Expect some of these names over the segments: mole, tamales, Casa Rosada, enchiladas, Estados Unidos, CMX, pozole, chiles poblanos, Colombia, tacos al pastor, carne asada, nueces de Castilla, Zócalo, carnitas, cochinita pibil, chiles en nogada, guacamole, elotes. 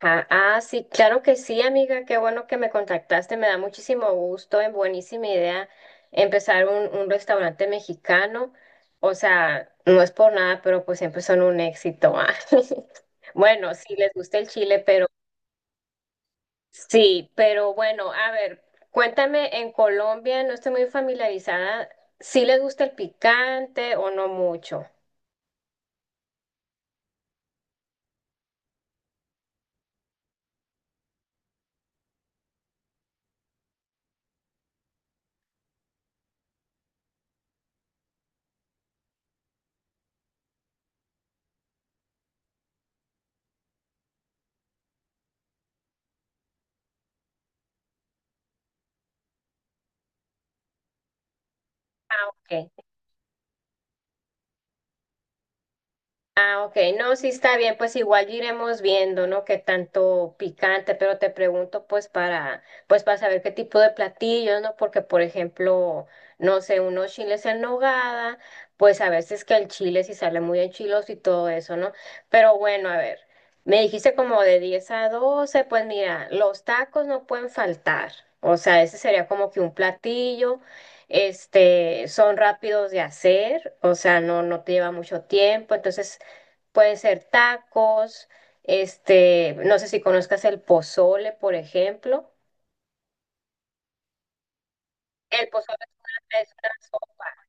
Ah, sí, claro que sí, amiga, qué bueno que me contactaste, me da muchísimo gusto, es buenísima idea empezar un restaurante mexicano, o sea, no es por nada, pero pues siempre son un éxito. Ah. Bueno, sí, les gusta el chile, pero sí, pero bueno, a ver, cuéntame, en Colombia no estoy muy familiarizada, ¿sí les gusta el picante o no mucho? Ah, ok. Ah, ok, no, sí está bien, pues igual iremos viendo, ¿no? Qué tanto picante, pero te pregunto pues para saber qué tipo de platillos, ¿no? Porque por ejemplo, no sé, unos chiles en nogada, pues a veces que el chile sí sale muy enchiloso y todo eso, ¿no? Pero bueno, a ver, me dijiste como de 10 a 12. Pues mira, los tacos no pueden faltar, o sea, ese sería como que un platillo. Este, son rápidos de hacer, o sea, no te lleva mucho tiempo, entonces pueden ser tacos, este, no sé si conozcas el pozole, por ejemplo. El pozole es una sopa.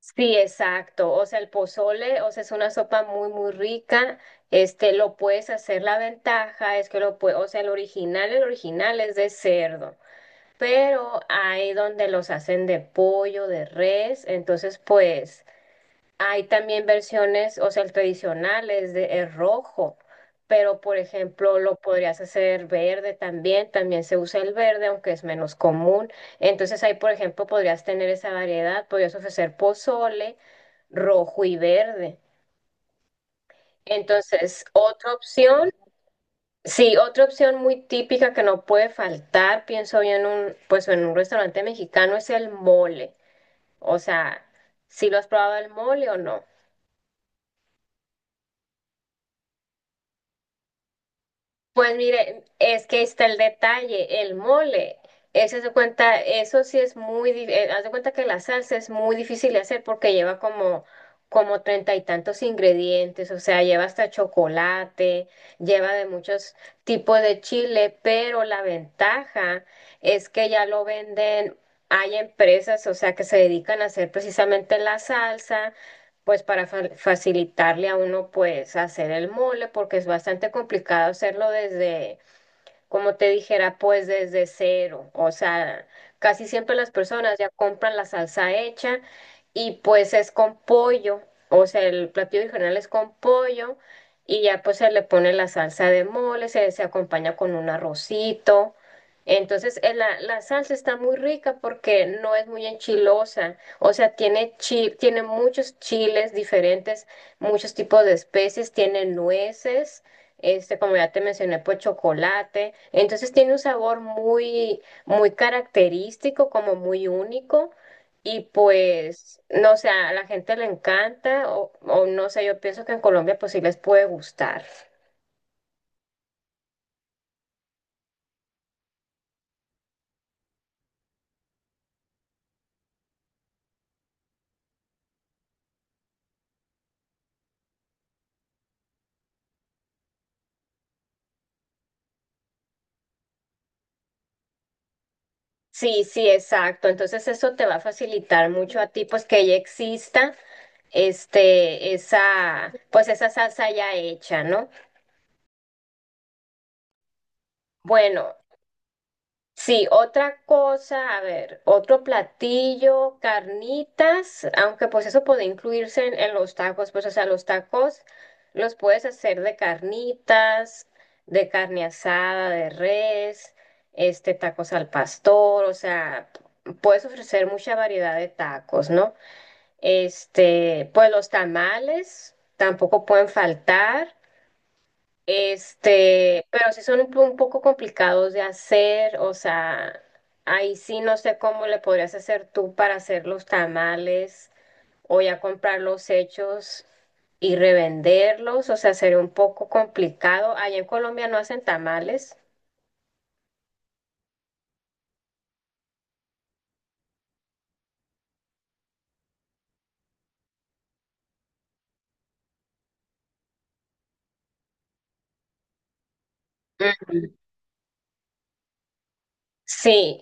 Sí, exacto. O sea, el pozole, o sea, es una sopa muy, muy rica. Este, lo puedes hacer, la ventaja es que lo puedes, o sea, el original es de cerdo, pero hay donde los hacen de pollo, de res, entonces, pues. Hay también versiones, o sea, el tradicional es de es rojo, pero por ejemplo lo podrías hacer verde también, también se usa el verde, aunque es menos común. Entonces ahí, por ejemplo, podrías tener esa variedad, podrías ofrecer pozole rojo y verde. Entonces, otra opción, sí, otra opción muy típica que no puede faltar, pienso yo en un, pues en un restaurante mexicano es el mole. O sea, ¿si lo has probado el mole o no? Pues mire, es que ahí está el detalle, el mole. Ese se cuenta, eso sí es haz de cuenta que la salsa es muy difícil de hacer porque lleva como 30 y tantos ingredientes, o sea, lleva hasta chocolate, lleva de muchos tipos de chile, pero la ventaja es que ya lo venden, hay empresas, o sea, que se dedican a hacer precisamente la salsa pues para facilitarle a uno pues hacer el mole, porque es bastante complicado hacerlo desde como te dijera, pues desde cero. O sea, casi siempre las personas ya compran la salsa hecha y pues es con pollo. O sea, el platillo original es con pollo y ya pues se le pone la salsa de mole, se acompaña con un arrocito. Entonces, la salsa está muy rica porque no es muy enchilosa. O sea, tiene muchos chiles diferentes, muchos tipos de especies, tiene nueces este, como ya te mencioné, pues chocolate. Entonces tiene un sabor muy, muy característico, como muy único. Y pues, no sé, a la gente le encanta o no sé, yo pienso que en Colombia pues sí les puede gustar. Sí, sí, exacto. Entonces eso te va a facilitar mucho a ti, pues que ya exista este, esa, pues esa salsa ya hecha, ¿no? Bueno, sí, otra cosa, a ver, otro platillo, carnitas, aunque pues eso puede incluirse en los tacos, pues o sea, los tacos los puedes hacer de carnitas, de carne asada, de res, este, tacos al pastor, o sea, puedes ofrecer mucha variedad de tacos, ¿no? Este, pues los tamales tampoco pueden faltar. Este, pero sí son un poco complicados de hacer, o sea, ahí sí no sé cómo le podrías hacer tú para hacer los tamales o ya comprar los hechos y revenderlos, o sea, sería un poco complicado. Allá en Colombia no hacen tamales. Ujú. Sí,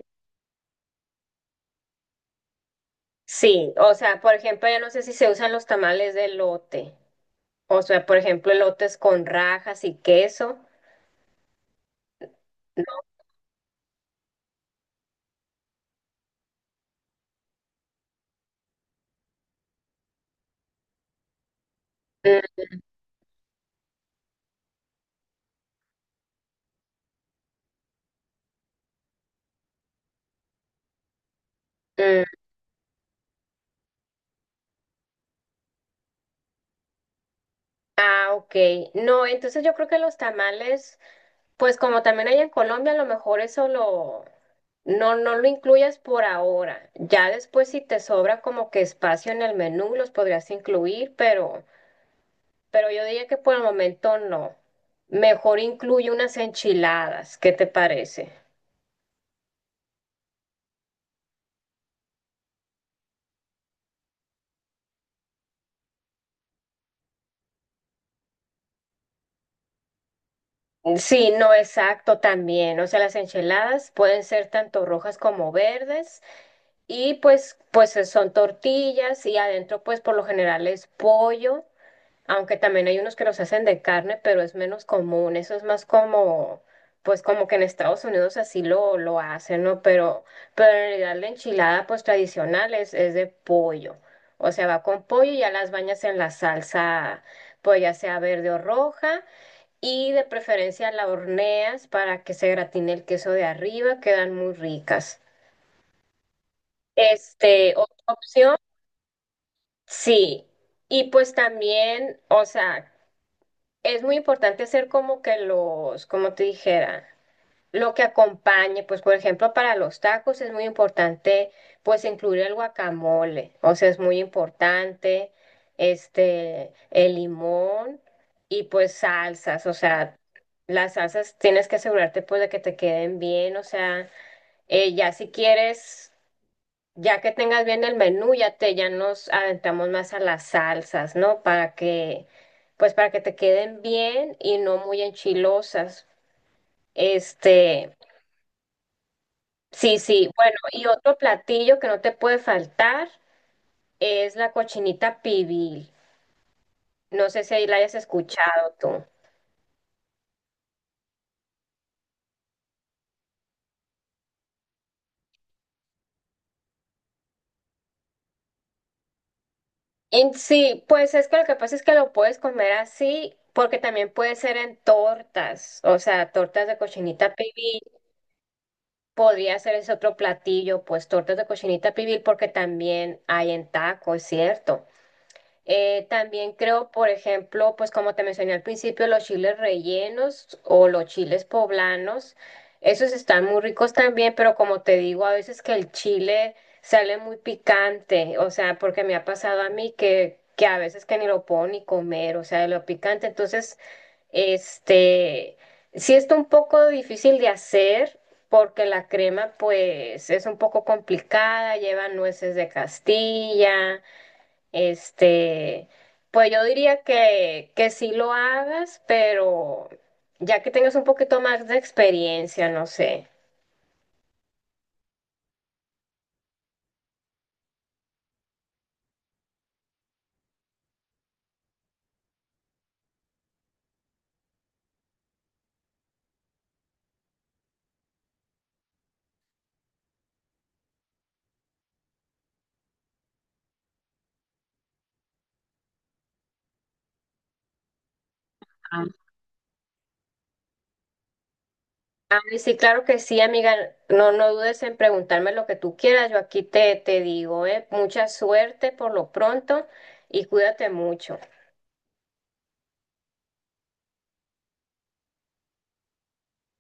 sí, o sea, por ejemplo, ya no sé si se usan los tamales de lote, o sea, por ejemplo, elotes con rajas y queso. Mm, mm, ah, ok. No, entonces yo creo que los tamales, pues como también hay en Colombia, a lo mejor eso no lo incluyas por ahora. Ya después si te sobra como que espacio en el menú, los podrías incluir, pero yo diría que por el momento no. Mejor incluye unas enchiladas, ¿qué te parece? Sí, no, exacto, también. O sea, las enchiladas pueden ser tanto rojas como verdes. Y pues, pues son tortillas y adentro pues por lo general es pollo, aunque también hay unos que los hacen de carne, pero es menos común, eso es más como, pues como que en Estados Unidos así lo hacen, ¿no? Pero en realidad la enchilada pues tradicional es de pollo, o sea, va con pollo y ya las bañas en la salsa, pues ya sea verde o roja, y de preferencia la horneas para que se gratine el queso de arriba, quedan muy ricas. Este, otra opción sí, y pues también, o sea, es muy importante hacer como que los, como te dijera, lo que acompañe, pues por ejemplo para los tacos es muy importante pues incluir el guacamole, o sea, es muy importante este, el limón y pues salsas, o sea, las salsas tienes que asegurarte pues de que te queden bien, o sea, ya si quieres... Ya que tengas bien el menú, ya nos adentramos más a las salsas, ¿no? Para que, pues para que te queden bien y no muy enchilosas. Este, sí, sí. Bueno, y otro platillo que no te puede faltar es la cochinita pibil. No sé si ahí la hayas escuchado tú. En sí, pues es que lo que pasa es que lo puedes comer así, porque también puede ser en tortas, o sea, tortas de cochinita pibil. Podría ser ese otro platillo, pues tortas de cochinita pibil, porque también hay en taco, es cierto. También creo, por ejemplo, pues como te mencioné al principio, los chiles rellenos o los chiles poblanos, esos están muy ricos también, pero como te digo, a veces que el chile sale muy picante, o sea, porque me ha pasado a mí que a veces que ni lo puedo ni comer, o sea, de lo picante, entonces, este, sí está un poco difícil de hacer. Porque la crema, pues, es un poco complicada, lleva nueces de Castilla, este, pues yo diría que sí lo hagas, pero ya que tengas un poquito más de experiencia, no sé. Ah, ay, sí, claro que sí, amiga. No, no dudes en preguntarme lo que tú quieras. Yo aquí te digo, mucha suerte por lo pronto y cuídate mucho.